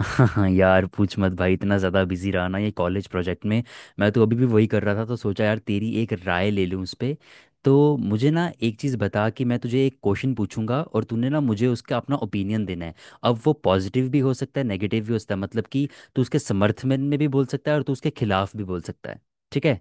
हाँ यार, पूछ मत भाई। इतना ज़्यादा बिजी रहा ना ये कॉलेज प्रोजेक्ट में। मैं तो अभी भी वही कर रहा था, तो सोचा यार तेरी एक राय ले लूँ उस पे। तो मुझे ना एक चीज़ बता, कि मैं तुझे एक क्वेश्चन पूछूंगा और तूने ना मुझे उसका अपना ओपिनियन देना है। अब वो पॉजिटिव भी हो सकता है, नेगेटिव भी हो सकता है, मतलब कि तू उसके समर्थन में भी बोल सकता है और तू उसके खिलाफ भी बोल सकता है। ठीक है।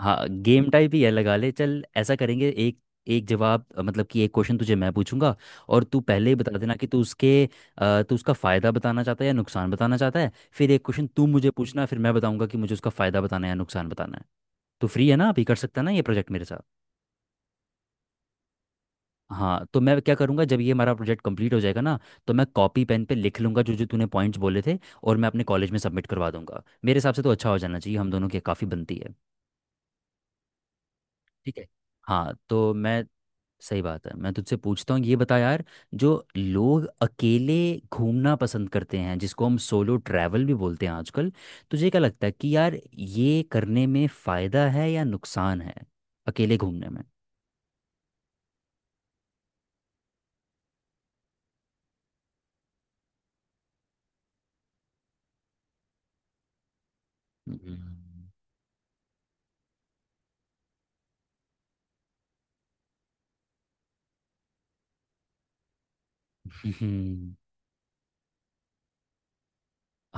हाँ, गेम टाइप ही है, लगा ले। चल ऐसा करेंगे, एक एक जवाब मतलब कि एक क्वेश्चन तुझे मैं पूछूंगा और तू पहले ही बता देना कि तू उसके तू उसका फ़ायदा बताना चाहता है या नुकसान बताना चाहता है। फिर एक क्वेश्चन तू मुझे पूछना, फिर मैं बताऊंगा कि मुझे उसका फ़ायदा बताना है या नुकसान बताना है। तो फ्री है ना अभी? कर सकता है ना ये प्रोजेक्ट मेरे साथ? हाँ, तो मैं क्या करूँगा, जब ये हमारा प्रोजेक्ट कंप्लीट हो जाएगा ना, तो मैं कॉपी पेन पे लिख लूँगा जो जो तूने पॉइंट्स बोले थे, और मैं अपने कॉलेज में सबमिट करवा दूंगा। मेरे हिसाब से तो अच्छा हो जाना चाहिए, हम दोनों की काफ़ी बनती है। ठीक है। हाँ तो मैं, सही बात है, मैं तुझसे पूछता हूँ। ये बता यार, जो लोग अकेले घूमना पसंद करते हैं, जिसको हम सोलो ट्रैवल भी बोलते हैं आजकल, तुझे क्या लगता है कि यार ये करने में फायदा है या नुकसान है, अकेले घूमने में? हम्म।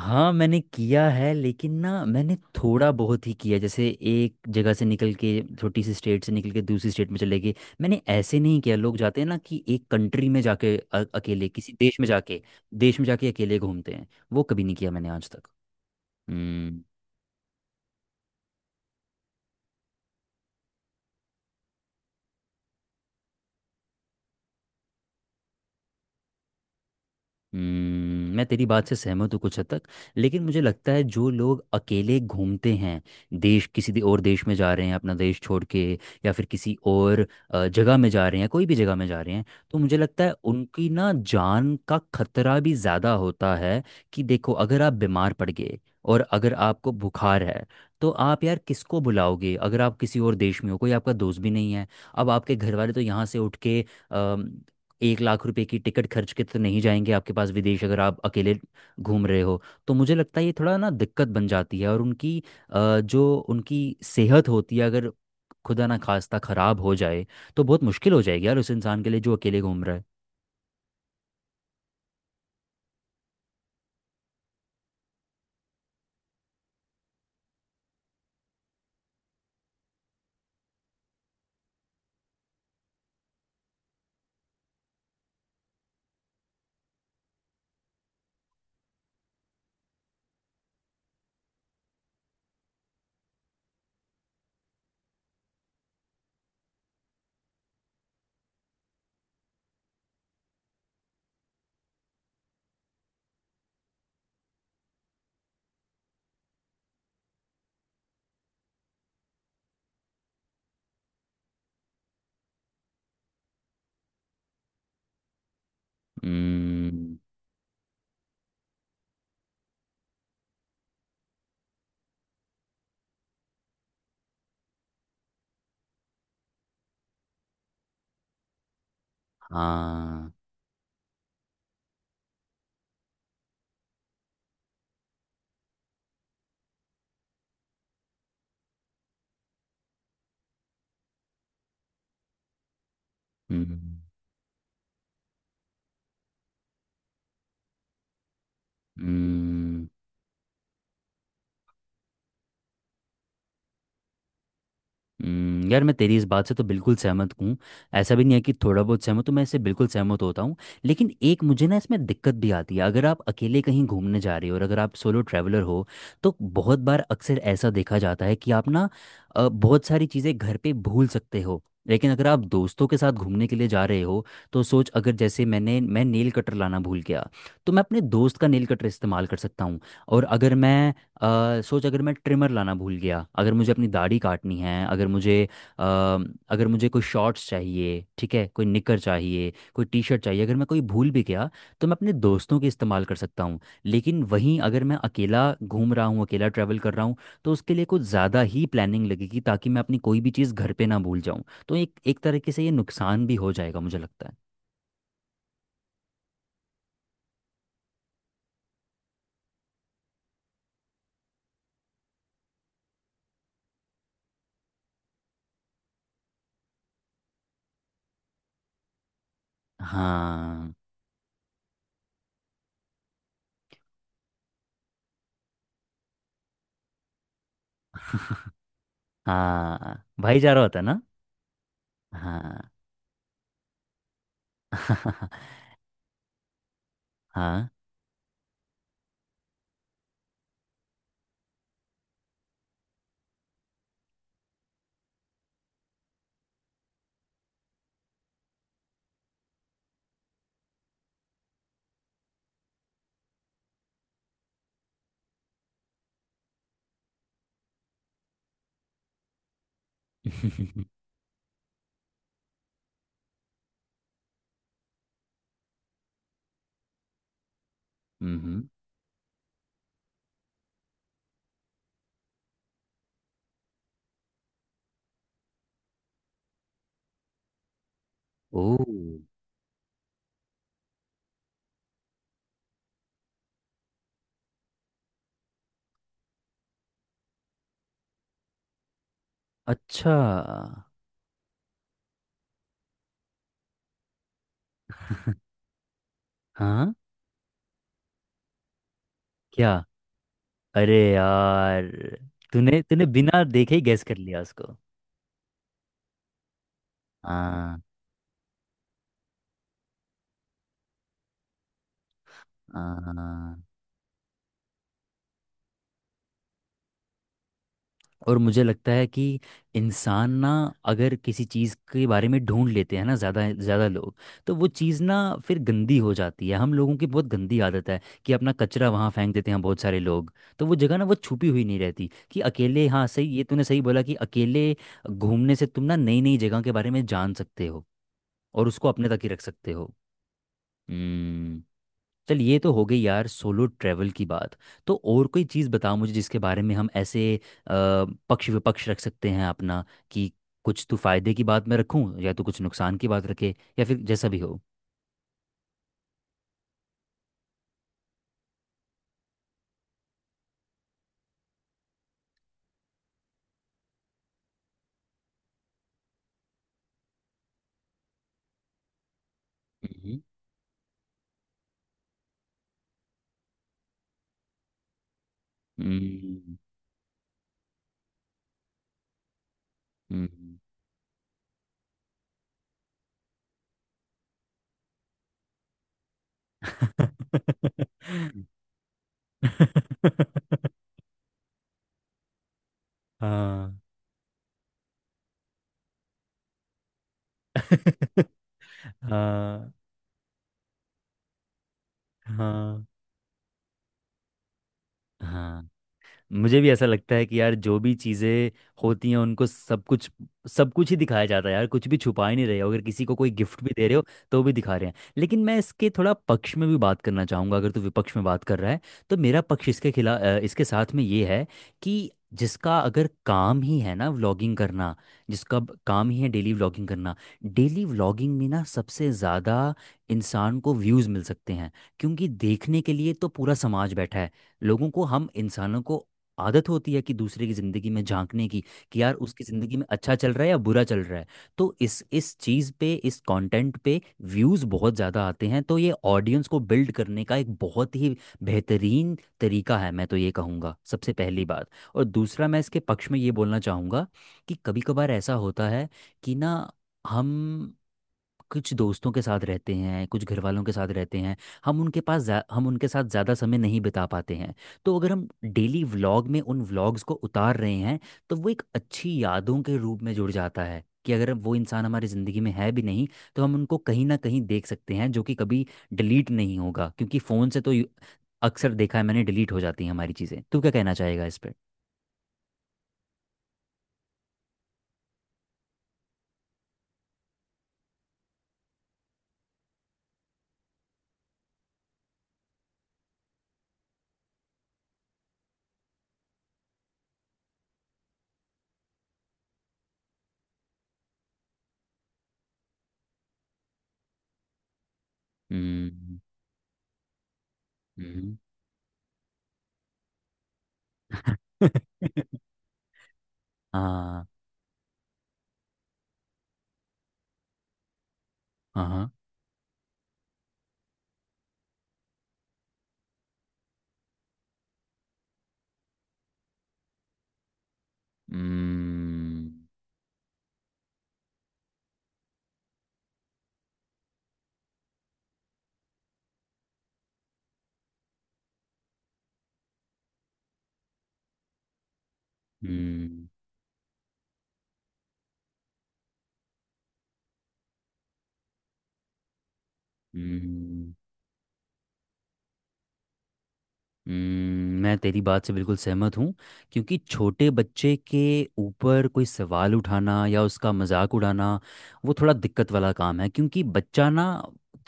हाँ मैंने किया है, लेकिन ना मैंने थोड़ा बहुत ही किया, जैसे एक जगह से निकल के, छोटी सी स्टेट से निकल के दूसरी स्टेट में चले गए। मैंने ऐसे नहीं किया, लोग जाते हैं ना कि एक कंट्री में जाके, अकेले किसी देश में जाके, देश में जाके अकेले घूमते हैं। वो कभी नहीं किया मैंने आज तक। हम्म। मैं तेरी बात से सहमत हूँ कुछ हद तक, लेकिन मुझे लगता है जो लोग अकेले घूमते हैं, देश किसी दे और देश में जा रहे हैं अपना देश छोड़ के, या फिर किसी और जगह में जा रहे हैं, कोई भी जगह में जा रहे हैं, तो मुझे लगता है उनकी ना जान का खतरा भी ज़्यादा होता है। कि देखो, अगर आप बीमार पड़ गए और अगर आपको बुखार है, तो आप यार किसको बुलाओगे, अगर आप किसी और देश में हो, कोई आपका दोस्त भी नहीं है। अब आपके घर वाले तो यहाँ से उठ के 1 लाख रुपए की टिकट खर्च के तो नहीं जाएंगे आपके पास विदेश, अगर आप अकेले घूम रहे हो। तो मुझे लगता है ये थोड़ा ना दिक्कत बन जाती है, और उनकी जो उनकी सेहत होती है, अगर खुदा ना खास्ता ख़राब हो जाए, तो बहुत मुश्किल हो जाएगी यार उस इंसान के लिए जो अकेले घूम रहा है। हम्म। हाँ। हम्म। हम्म। यार मैं तेरी इस बात से तो बिल्कुल सहमत हूँ। ऐसा भी नहीं है कि थोड़ा बहुत सहमत हूँ, मैं इससे बिल्कुल सहमत होता हूँ। लेकिन एक मुझे ना इसमें दिक्कत भी आती है, अगर आप अकेले कहीं घूमने जा रहे हो और अगर आप सोलो ट्रैवलर हो, तो बहुत बार अक्सर ऐसा देखा जाता है कि आप ना बहुत सारी चीज़ें घर पे भूल सकते हो। लेकिन अगर आप दोस्तों के साथ घूमने के लिए जा रहे हो, तो सोच, अगर जैसे मैं नेल कटर लाना भूल गया, तो मैं अपने दोस्त का नेल कटर इस्तेमाल कर सकता हूँ। और अगर मैं सोच, अगर मैं ट्रिमर लाना भूल गया, अगर मुझे अपनी दाढ़ी काटनी है, अगर मुझे अगर मुझे कोई शॉर्ट्स चाहिए, ठीक है, कोई निकर चाहिए, कोई टी शर्ट चाहिए, अगर मैं कोई भूल भी गया, तो मैं अपने दोस्तों के इस्तेमाल कर सकता हूँ। लेकिन वहीं अगर मैं अकेला घूम रहा हूँ, अकेला ट्रैवल कर रहा हूँ, तो उसके लिए कुछ ज़्यादा ही प्लानिंग लगेगी ताकि मैं अपनी कोई भी चीज़ घर पे ना भूल जाऊँ। तो एक एक तरीके से ये नुकसान भी हो जाएगा, मुझे लगता है। हाँ। हाँ भाई, जा रहा होता है ना। हाँ। हाँ। हम्म। ओ। अच्छा। हाँ। क्या? अरे यार, तूने तूने बिना देखे ही गैस कर लिया उसको। हाँ। हाँ। हाँ। और मुझे लगता है कि इंसान ना, अगर किसी चीज़ के बारे में ढूंढ लेते हैं ना ज़्यादा ज़्यादा लोग, तो वो चीज़ ना फिर गंदी हो जाती है। हम लोगों की बहुत गंदी आदत है कि अपना कचरा वहाँ फेंक देते हैं बहुत सारे लोग। तो वो जगह ना वो छुपी हुई नहीं रहती कि अकेले। हाँ सही, ये तूने सही बोला, कि अकेले घूमने से तुम ना नई नई जगह के बारे में जान सकते हो, और उसको अपने तक ही रख सकते हो। हम्म। चल, ये तो हो गई यार सोलो ट्रैवल की बात। तो और कोई चीज़ बताओ मुझे, जिसके बारे में हम ऐसे पक्ष विपक्ष रख सकते हैं अपना। कि कुछ तू फायदे की बात मैं रखूं, या तू कुछ नुकसान की बात रखे, या फिर जैसा भी हो। मम्म। हम्म। हम्म। हाँ। हाँ। हाँ। हाँ, मुझे भी ऐसा लगता है कि यार जो भी चीज़ें होती हैं, उनको सब कुछ, सब कुछ ही दिखाया जाता है यार। कुछ भी छुपा ही नहीं रहे हो, अगर किसी को कोई गिफ्ट भी दे रहे हो तो भी दिखा रहे हैं। लेकिन मैं इसके थोड़ा पक्ष में भी बात करना चाहूँगा। अगर तू विपक्ष में बात कर रहा है, तो मेरा पक्ष इसके खिलाफ इसके साथ में ये है कि जिसका अगर काम ही है ना व्लॉगिंग करना, काम ही है डेली व्लॉगिंग करना, डेली व्लॉगिंग में ना सबसे ज़्यादा इंसान को व्यूज़ मिल सकते हैं, क्योंकि देखने के लिए तो पूरा समाज बैठा है। लोगों को, हम इंसानों को आदत होती है कि दूसरे की जिंदगी में झांकने की, कि यार उसकी जिंदगी में अच्छा चल रहा है या बुरा चल रहा है। तो इस चीज पे, इस कंटेंट पे व्यूज बहुत ज्यादा आते हैं। तो ये ऑडियंस को बिल्ड करने का एक बहुत ही बेहतरीन तरीका है, मैं तो ये कहूँगा, सबसे पहली बात। और दूसरा मैं इसके पक्ष में ये बोलना चाहूँगा, कि कभी कभार ऐसा होता है कि ना हम कुछ दोस्तों के साथ रहते हैं, कुछ घर वालों के साथ रहते हैं, हम उनके पास हम उनके साथ ज़्यादा समय नहीं बिता पाते हैं। तो अगर हम डेली व्लॉग में उन व्लॉग्स को उतार रहे हैं, तो वो एक अच्छी यादों के रूप में जुड़ जाता है, कि अगर वो इंसान हमारी ज़िंदगी में है भी नहीं, तो हम उनको कहीं ना कहीं देख सकते हैं, जो कि कभी डिलीट नहीं होगा। क्योंकि फ़ोन से तो अक्सर देखा है मैंने, डिलीट हो जाती हैं हमारी चीज़ें। तू क्या कहना चाहेगा इस पर? हम्म। हम्म। हाँ। हाँ। हाँ। हम्म। हम्म। हम्म। मैं तेरी बात से बिल्कुल सहमत हूँ। क्योंकि छोटे बच्चे के ऊपर कोई सवाल उठाना या उसका मजाक उड़ाना, वो थोड़ा दिक्कत वाला काम है। क्योंकि बच्चा ना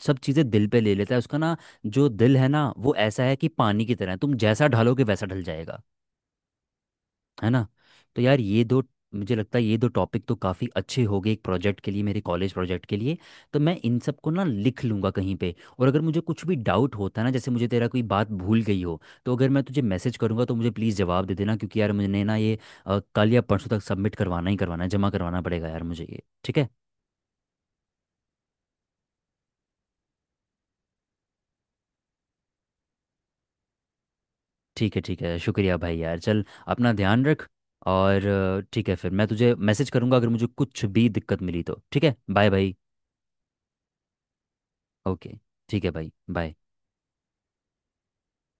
सब चीज़ें दिल पे ले लेता है। उसका ना जो दिल है ना, वो ऐसा है कि पानी की तरह है, तुम जैसा ढालोगे वैसा ढल जाएगा। है ना? तो यार ये दो, मुझे लगता है ये दो टॉपिक तो काफ़ी अच्छे हो गए एक प्रोजेक्ट के लिए, मेरे कॉलेज प्रोजेक्ट के लिए। तो मैं इन सब को ना लिख लूँगा कहीं पे, और अगर मुझे कुछ भी डाउट होता है ना, जैसे मुझे तेरा कोई बात भूल गई हो, तो अगर मैं तुझे मैसेज करूँगा, तो मुझे प्लीज़ जवाब दे देना। क्योंकि यार मुझे ना ये कल या परसों तक सबमिट करवाना ही करवाना है, जमा करवाना पड़ेगा यार मुझे ये। ठीक है? ठीक है, ठीक है, शुक्रिया भाई। यार चल, अपना ध्यान रख। और ठीक है, फिर मैं तुझे मैसेज करूँगा अगर मुझे कुछ भी दिक्कत मिली तो। ठीक है, बाय भाई। ओके। ठीक है भाई, बाय।